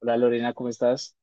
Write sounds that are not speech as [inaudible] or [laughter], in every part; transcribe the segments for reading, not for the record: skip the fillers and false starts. Hola Lorena, ¿cómo estás?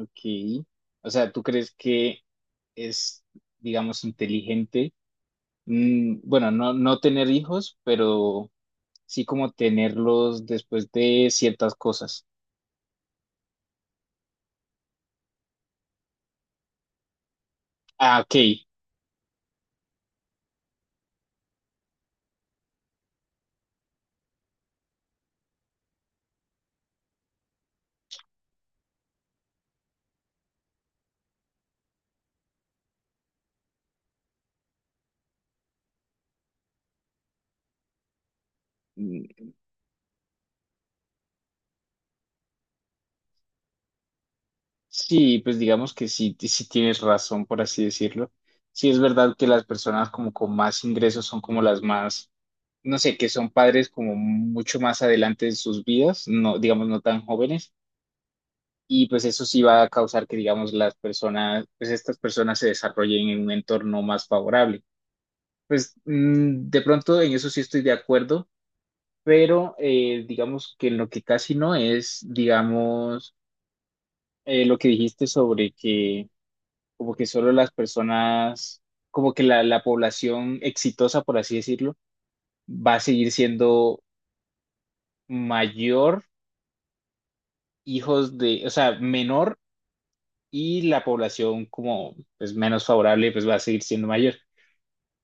Ok. O sea, ¿tú crees que es, digamos, inteligente? Bueno, no tener hijos, pero sí como tenerlos después de ciertas cosas. Ah, ok. Mm, sí, pues digamos que sí, sí tienes razón, por así decirlo. Sí es verdad que las personas como con más ingresos son como las más, no sé, que son padres como mucho más adelante en sus vidas, no, digamos, no tan jóvenes. Y pues eso sí va a causar que, digamos, las personas, pues estas personas se desarrollen en un entorno más favorable. Pues de pronto en eso sí estoy de acuerdo, pero digamos que en lo que casi no es, digamos, lo que dijiste sobre que como que solo las personas, como que la población exitosa, por así decirlo, va a seguir siendo mayor hijos de, o sea, menor, y la población como pues menos favorable pues va a seguir siendo mayor.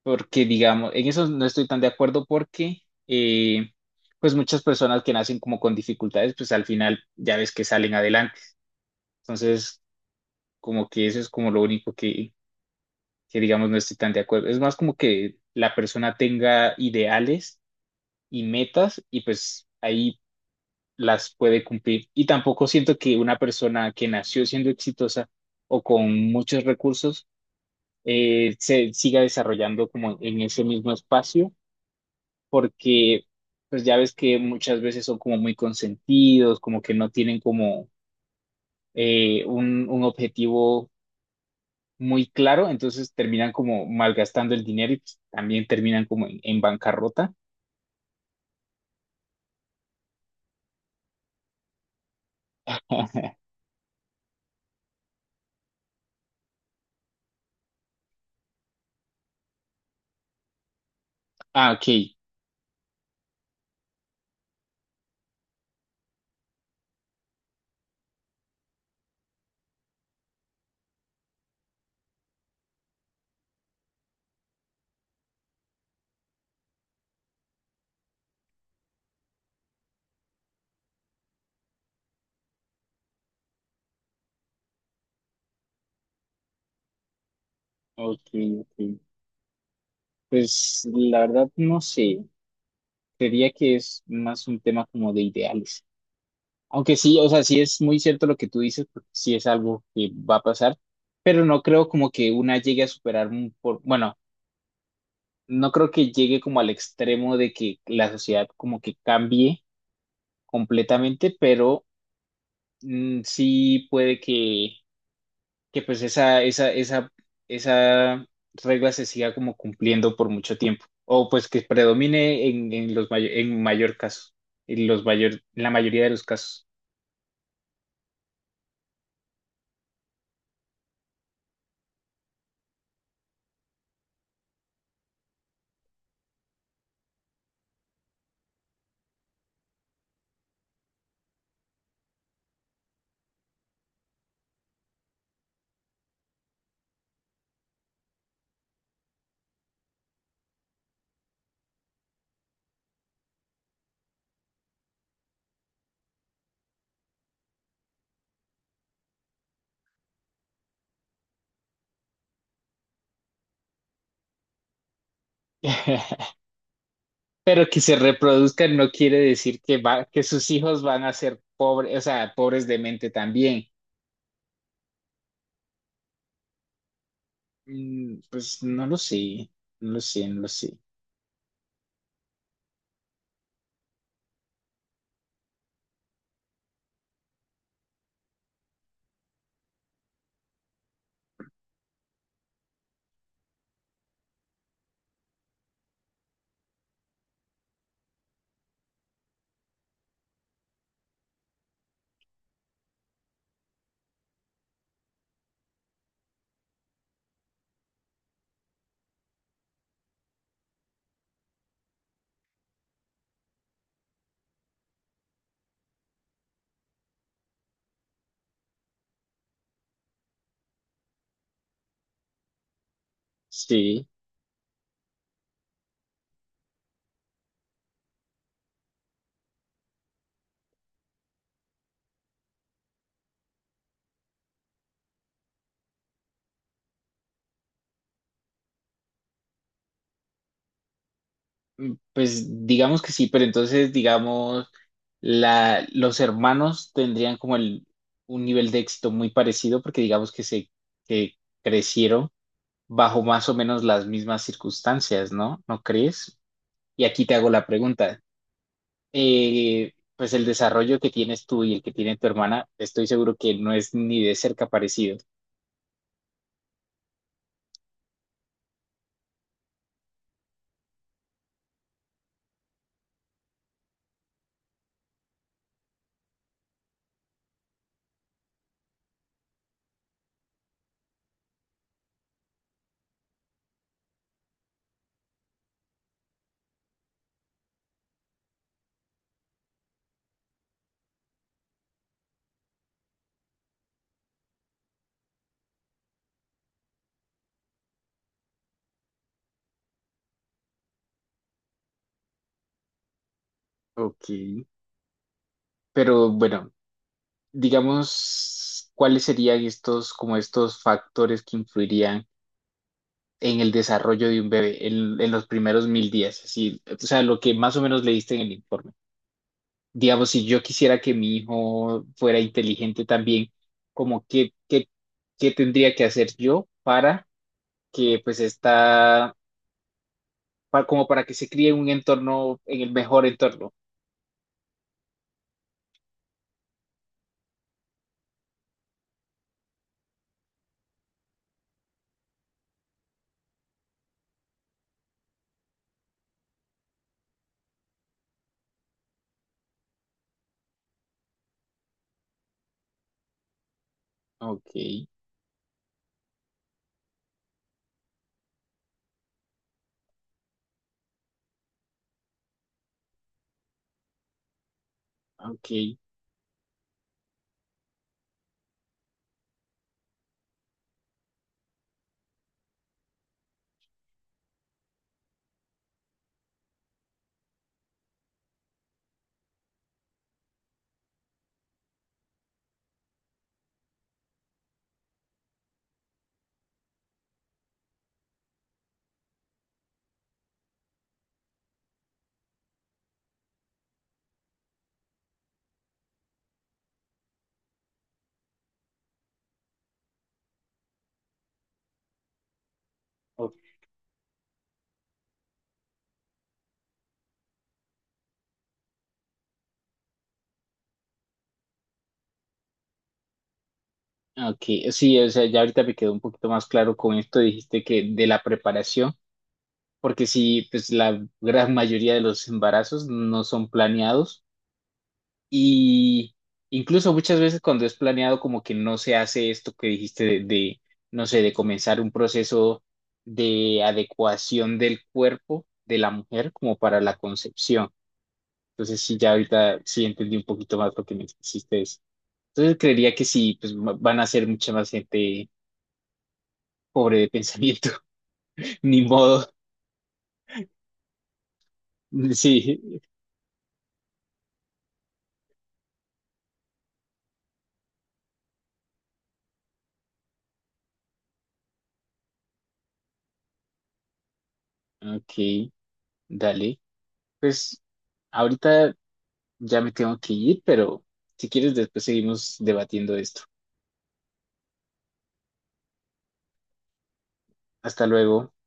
Porque, digamos, en eso no estoy tan de acuerdo porque, eh, pues muchas personas que nacen como con dificultades, pues al final ya ves que salen adelante. Entonces, como que eso es como lo único que digamos, no estoy tan de acuerdo. Es más como que la persona tenga ideales y metas y pues ahí las puede cumplir. Y tampoco siento que una persona que nació siendo exitosa o con muchos recursos se siga desarrollando como en ese mismo espacio porque pues ya ves que muchas veces son como muy consentidos, como que no tienen como un objetivo muy claro, entonces terminan como malgastando el dinero y pues, también terminan como en bancarrota. [laughs] Ah, ok, ok, ok. Pues la verdad no sé, creería que es más un tema como de ideales. Aunque sí, o sea, sí es muy cierto lo que tú dices, porque sí es algo que va a pasar, pero no creo como que una llegue a superar un, por, bueno, no creo que llegue como al extremo de que la sociedad como que cambie completamente, pero mm, sí puede que pues esa regla se siga como cumpliendo por mucho tiempo, o pues que predomine en los en mayor caso, en los mayor, en la mayoría de los casos. [laughs] Pero que se reproduzcan no quiere decir que va, que sus hijos van a ser pobres, o sea, pobres de mente también. Mm, pues no lo sé, no lo sé, no lo sé. Sí, pues digamos que sí, pero entonces digamos los hermanos tendrían como el, un nivel de éxito muy parecido porque digamos que se que crecieron bajo más o menos las mismas circunstancias, ¿no? ¿No crees? Y aquí te hago la pregunta. Pues el desarrollo que tienes tú y el que tiene tu hermana, estoy seguro que no es ni de cerca parecido. Ok, pero bueno, digamos, ¿cuáles serían estos, como estos factores que influirían en el desarrollo de un bebé en los primeros mil días, así, o sea, lo que más o menos leíste en el informe? Digamos, si yo quisiera que mi hijo fuera inteligente también, como qué, qué, qué tendría que hacer yo para que pues está, como para que se críe en un entorno, en el mejor entorno. Ok, ok, ok, ok. Sí, o sea, ya ahorita me quedó un poquito más claro con esto, dijiste que de la preparación, porque sí, pues la gran mayoría de los embarazos no son planeados. Y incluso muchas veces cuando es planeado, como que no se hace esto que dijiste de, no sé, de comenzar un proceso de adecuación del cuerpo de la mujer como para la concepción. Entonces, sí, ya ahorita sí entendí un poquito más lo que me hiciste eso. Entonces, creería que sí, pues van a ser mucha más gente pobre de pensamiento. [laughs] Ni modo. Sí. Ok, dale. Pues ahorita. Ya me tengo que ir, pero si quieres después seguimos debatiendo esto. Hasta luego.